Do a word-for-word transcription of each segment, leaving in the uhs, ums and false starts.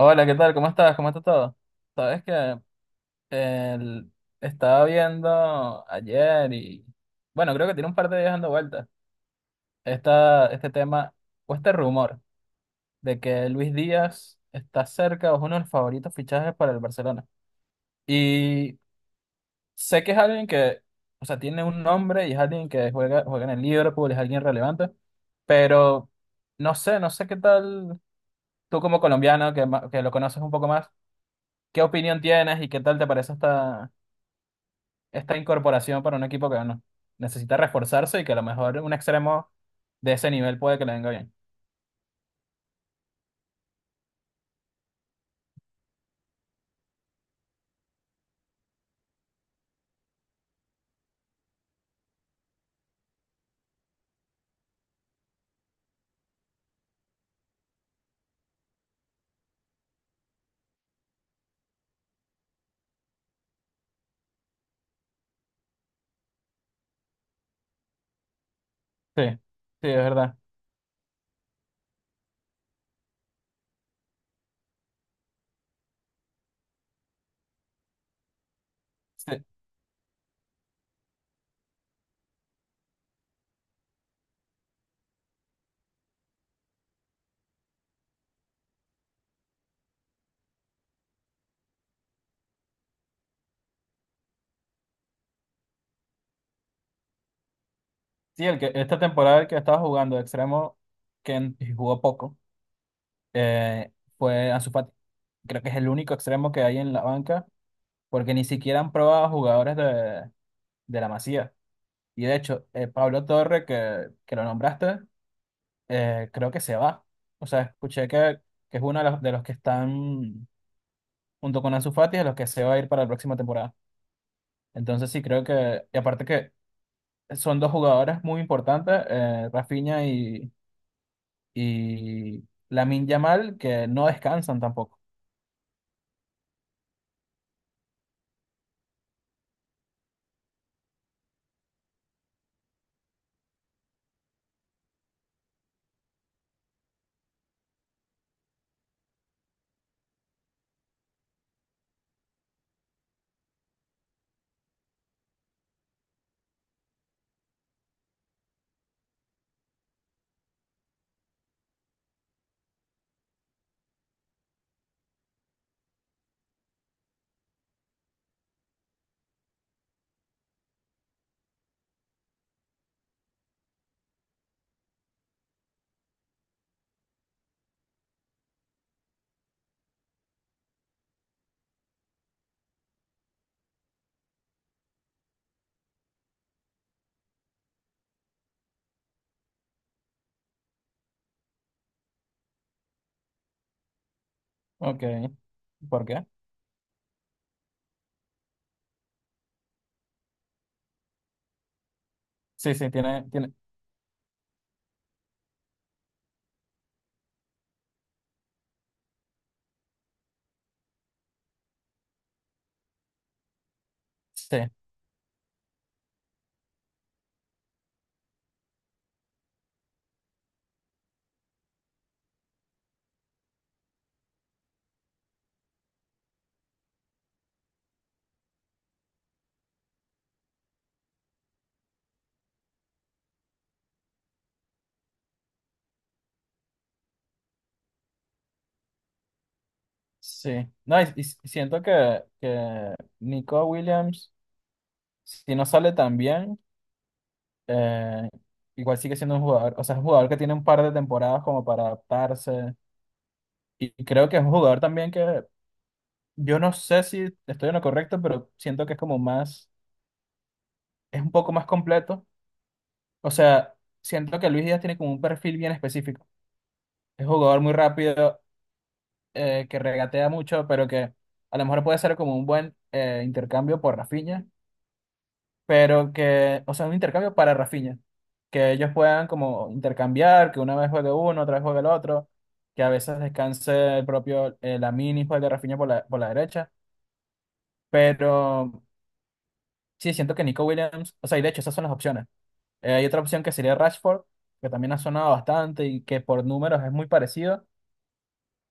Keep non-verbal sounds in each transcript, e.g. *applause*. Hola, ¿qué tal? ¿Cómo estás? ¿Cómo está todo? Sabes que el- estaba viendo ayer y bueno, creo que tiene un par de días dando vueltas esta, este tema o este rumor de que Luis Díaz está cerca o es uno de los favoritos fichajes para el Barcelona. Y sé que es alguien que, o sea, tiene un nombre y es alguien que juega, juega en el Liverpool, es alguien relevante, pero no sé, no sé qué tal tú como colombiano que, ma- que lo conoces un poco más, ¿qué opinión tienes y qué tal te parece esta esta incorporación para un equipo que, bueno, necesita reforzarse y que a lo mejor un extremo de ese nivel puede que le venga bien. Sí, sí, es verdad. Sí, sí, el que, esta temporada el que estaba jugando de extremo, que en- y jugó poco, eh, fue Ansu Fati. Creo que es el único extremo que hay en la banca, porque ni siquiera han probado jugadores de, de la Masía. Y de hecho, eh, Pablo Torre, que, que lo nombraste, eh, creo que se va. O sea, escuché que, que es uno de los, de los que están, junto con Ansu Fati, a los que se va a ir para la próxima temporada. Entonces sí, creo que, y aparte que son dos jugadores muy importantes, eh, Rafinha y, y Lamine Yamal, que no descansan tampoco. Ok, ¿por qué? Sí, sí, tiene, tiene, sí, sí. No, y, y siento que, que Nico Williams, si no sale tan bien, eh, igual sigue siendo un jugador, o sea, es un jugador que tiene un par de temporadas como para adaptarse. Y y creo que es un jugador también que yo no sé si estoy en lo correcto, pero siento que es como más, es un poco más completo. O sea, siento que Luis Díaz tiene como un perfil bien específico. Es un jugador muy rápido, eh, que regatea mucho, pero que a lo mejor puede ser como un buen eh, intercambio por Rafinha, pero que, o sea, un intercambio para Rafinha. Que ellos puedan como intercambiar, que una vez juegue uno, otra vez juegue el otro, que a veces descanse el propio eh, Lamine y juegue Rafinha por la, por la derecha. Pero sí, siento que Nico Williams, o sea, y de hecho, esas son las opciones. Eh, hay otra opción que sería Rashford, que también ha sonado bastante y que por números es muy parecido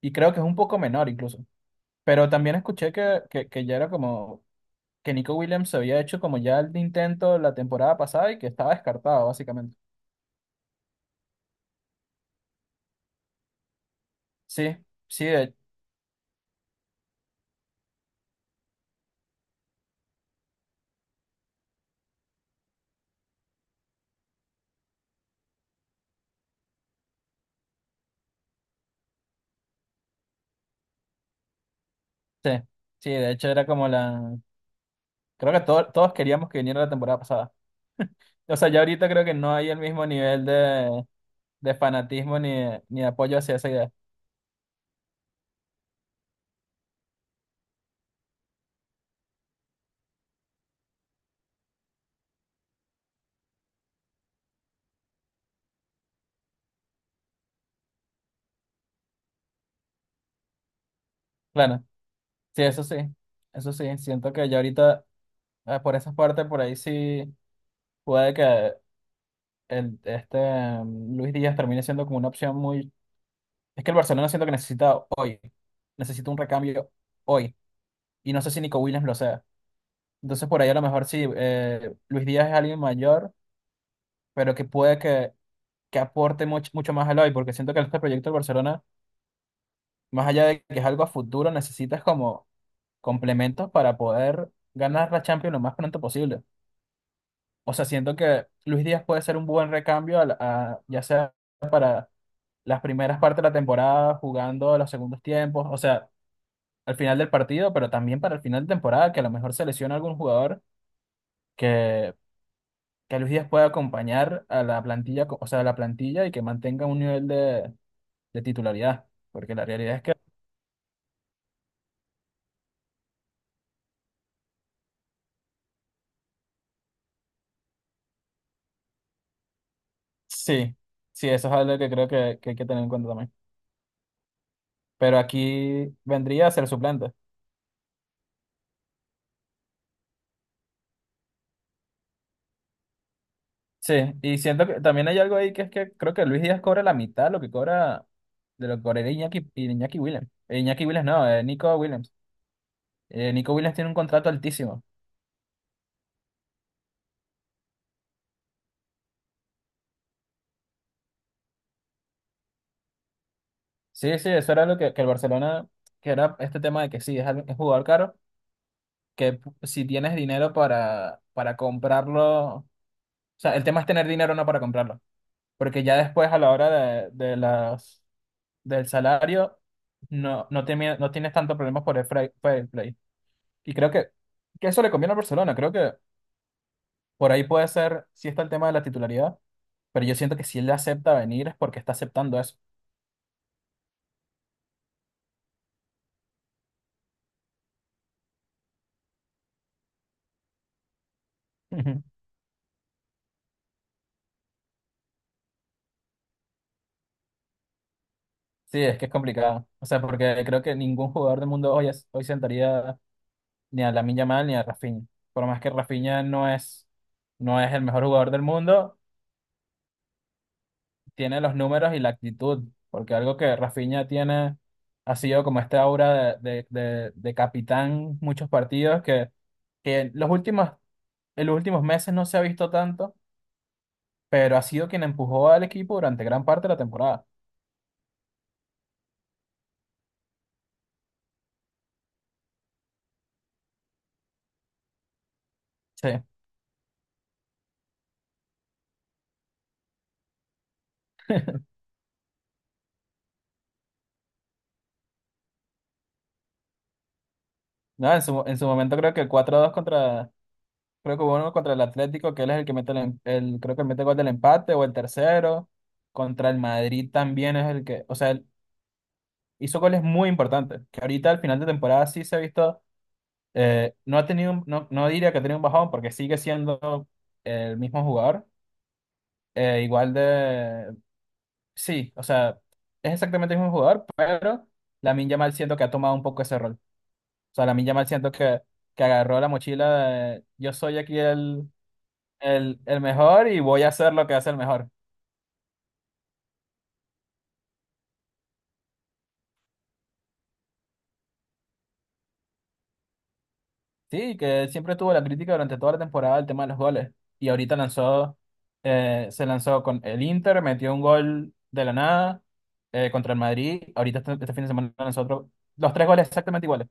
y creo que es un poco menor incluso. Pero también escuché que, que, que ya era como que Nico Williams se había hecho como ya el intento la temporada pasada y que estaba descartado básicamente. Sí, sí, de, sí, sí, de hecho era como la… Creo que to- todos queríamos que viniera la temporada pasada. *laughs* O sea, ya ahorita creo que no hay el mismo nivel de, de fanatismo ni de- ni de apoyo hacia esa idea. Claro. Sí, eso sí, eso sí, siento que ya ahorita eh, por esas partes, por ahí sí puede que el, este mm, Luis Díaz termine siendo como una opción muy… Es que el Barcelona siento que necesita hoy, necesita un recambio hoy, y no sé si Nico Williams lo sea. Entonces por ahí a lo mejor sí, eh, Luis Díaz es alguien mayor, pero que puede que, que aporte mucho, mucho más al hoy, porque siento que este proyecto del Barcelona, más allá de que es algo a futuro, necesitas como complementos para poder ganar la Champions lo más pronto posible. O sea, siento que Luis Díaz puede ser un buen recambio, a la- a- ya sea para las primeras partes de la temporada, jugando los segundos tiempos, o sea, al final del partido, pero también para el final de temporada, que a lo mejor se lesiona algún jugador que, que Luis Díaz pueda acompañar a la plantilla, co- o sea, a la plantilla y que mantenga un nivel de, de titularidad, porque la realidad es que sí, sí, eso es algo que creo que, que hay que tener en cuenta también. Pero aquí vendría a ser suplente. Sí, y siento que también hay algo ahí que es que creo que Luis Díaz cobra la mitad de lo que cobra, de lo que cobraría Iñaki, Iñaki Williams. Eh, Iñaki Williams no, eh, Nico Williams. Eh, Nico Williams tiene un contrato altísimo. Sí, sí, eso era lo que, que el Barcelona, que era este tema de que sí, es, al- es jugador caro, que p- si tienes dinero para, para comprarlo, o sea, el tema es tener dinero no para comprarlo, porque ya después a la hora de, de las, del salario no, no, temi- no tienes tanto problemas por el fra- fair play. Y creo que, que eso le conviene al Barcelona, creo que por ahí puede ser, si está el tema de la titularidad. Pero yo siento que si él acepta venir es porque está aceptando eso. Ujú. Sí, es que es complicado. O sea, porque creo que ningún jugador del mundo hoy, es- hoy sentaría ni a Lamine Yamal ni a Rafinha. Por más que Rafinha no es, no es el mejor jugador del mundo, tiene los números y la actitud. Porque algo que Rafinha tiene ha sido como esta aura de, de, de, de capitán, muchos partidos que, que los últimos, en los últimos meses no se ha visto tanto, pero ha sido quien empujó al equipo durante gran parte de la temporada. Sí. No, en su, en su momento creo que cuatro dos contra, creo que hubo uno contra el Atlético, que él es el que mete el, em- el- creo que mete gol del empate o el tercero. Contra el Madrid también es el que, o sea, él hizo goles muy importantes, que ahorita al final de temporada sí se ha visto, eh, no ha tenido, un- no, no diría que ha tenido un bajón porque sigue siendo el mismo jugador, eh, igual de, sí, o sea, es exactamente el mismo jugador, pero Lamine Yamal siento que ha tomado un poco ese rol. O sea, Lamine Yamal siento que que agarró la mochila de yo soy aquí el, El, el mejor y voy a hacer lo que hace el mejor. Sí, que siempre tuvo la crítica durante toda la temporada el tema de los goles. Y ahorita lanzó, eh, se lanzó con el Inter, metió un gol de la nada, eh, contra el Madrid. Ahorita este, este fin de semana lanzó otro, los tres goles exactamente iguales.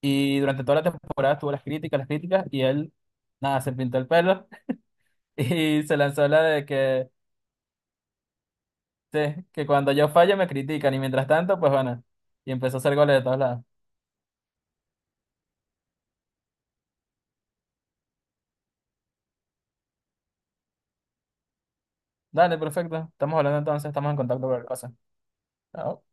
Y durante toda la temporada tuvo las críticas, las críticas, y él, nada, se pintó el pelo *laughs* y se lanzó la de que, sí, que cuando yo fallo me critican y mientras tanto, pues bueno, y empezó a hacer goles de todos lados. Dale, perfecto. Estamos hablando entonces, estamos en contacto con la cosa. Chao.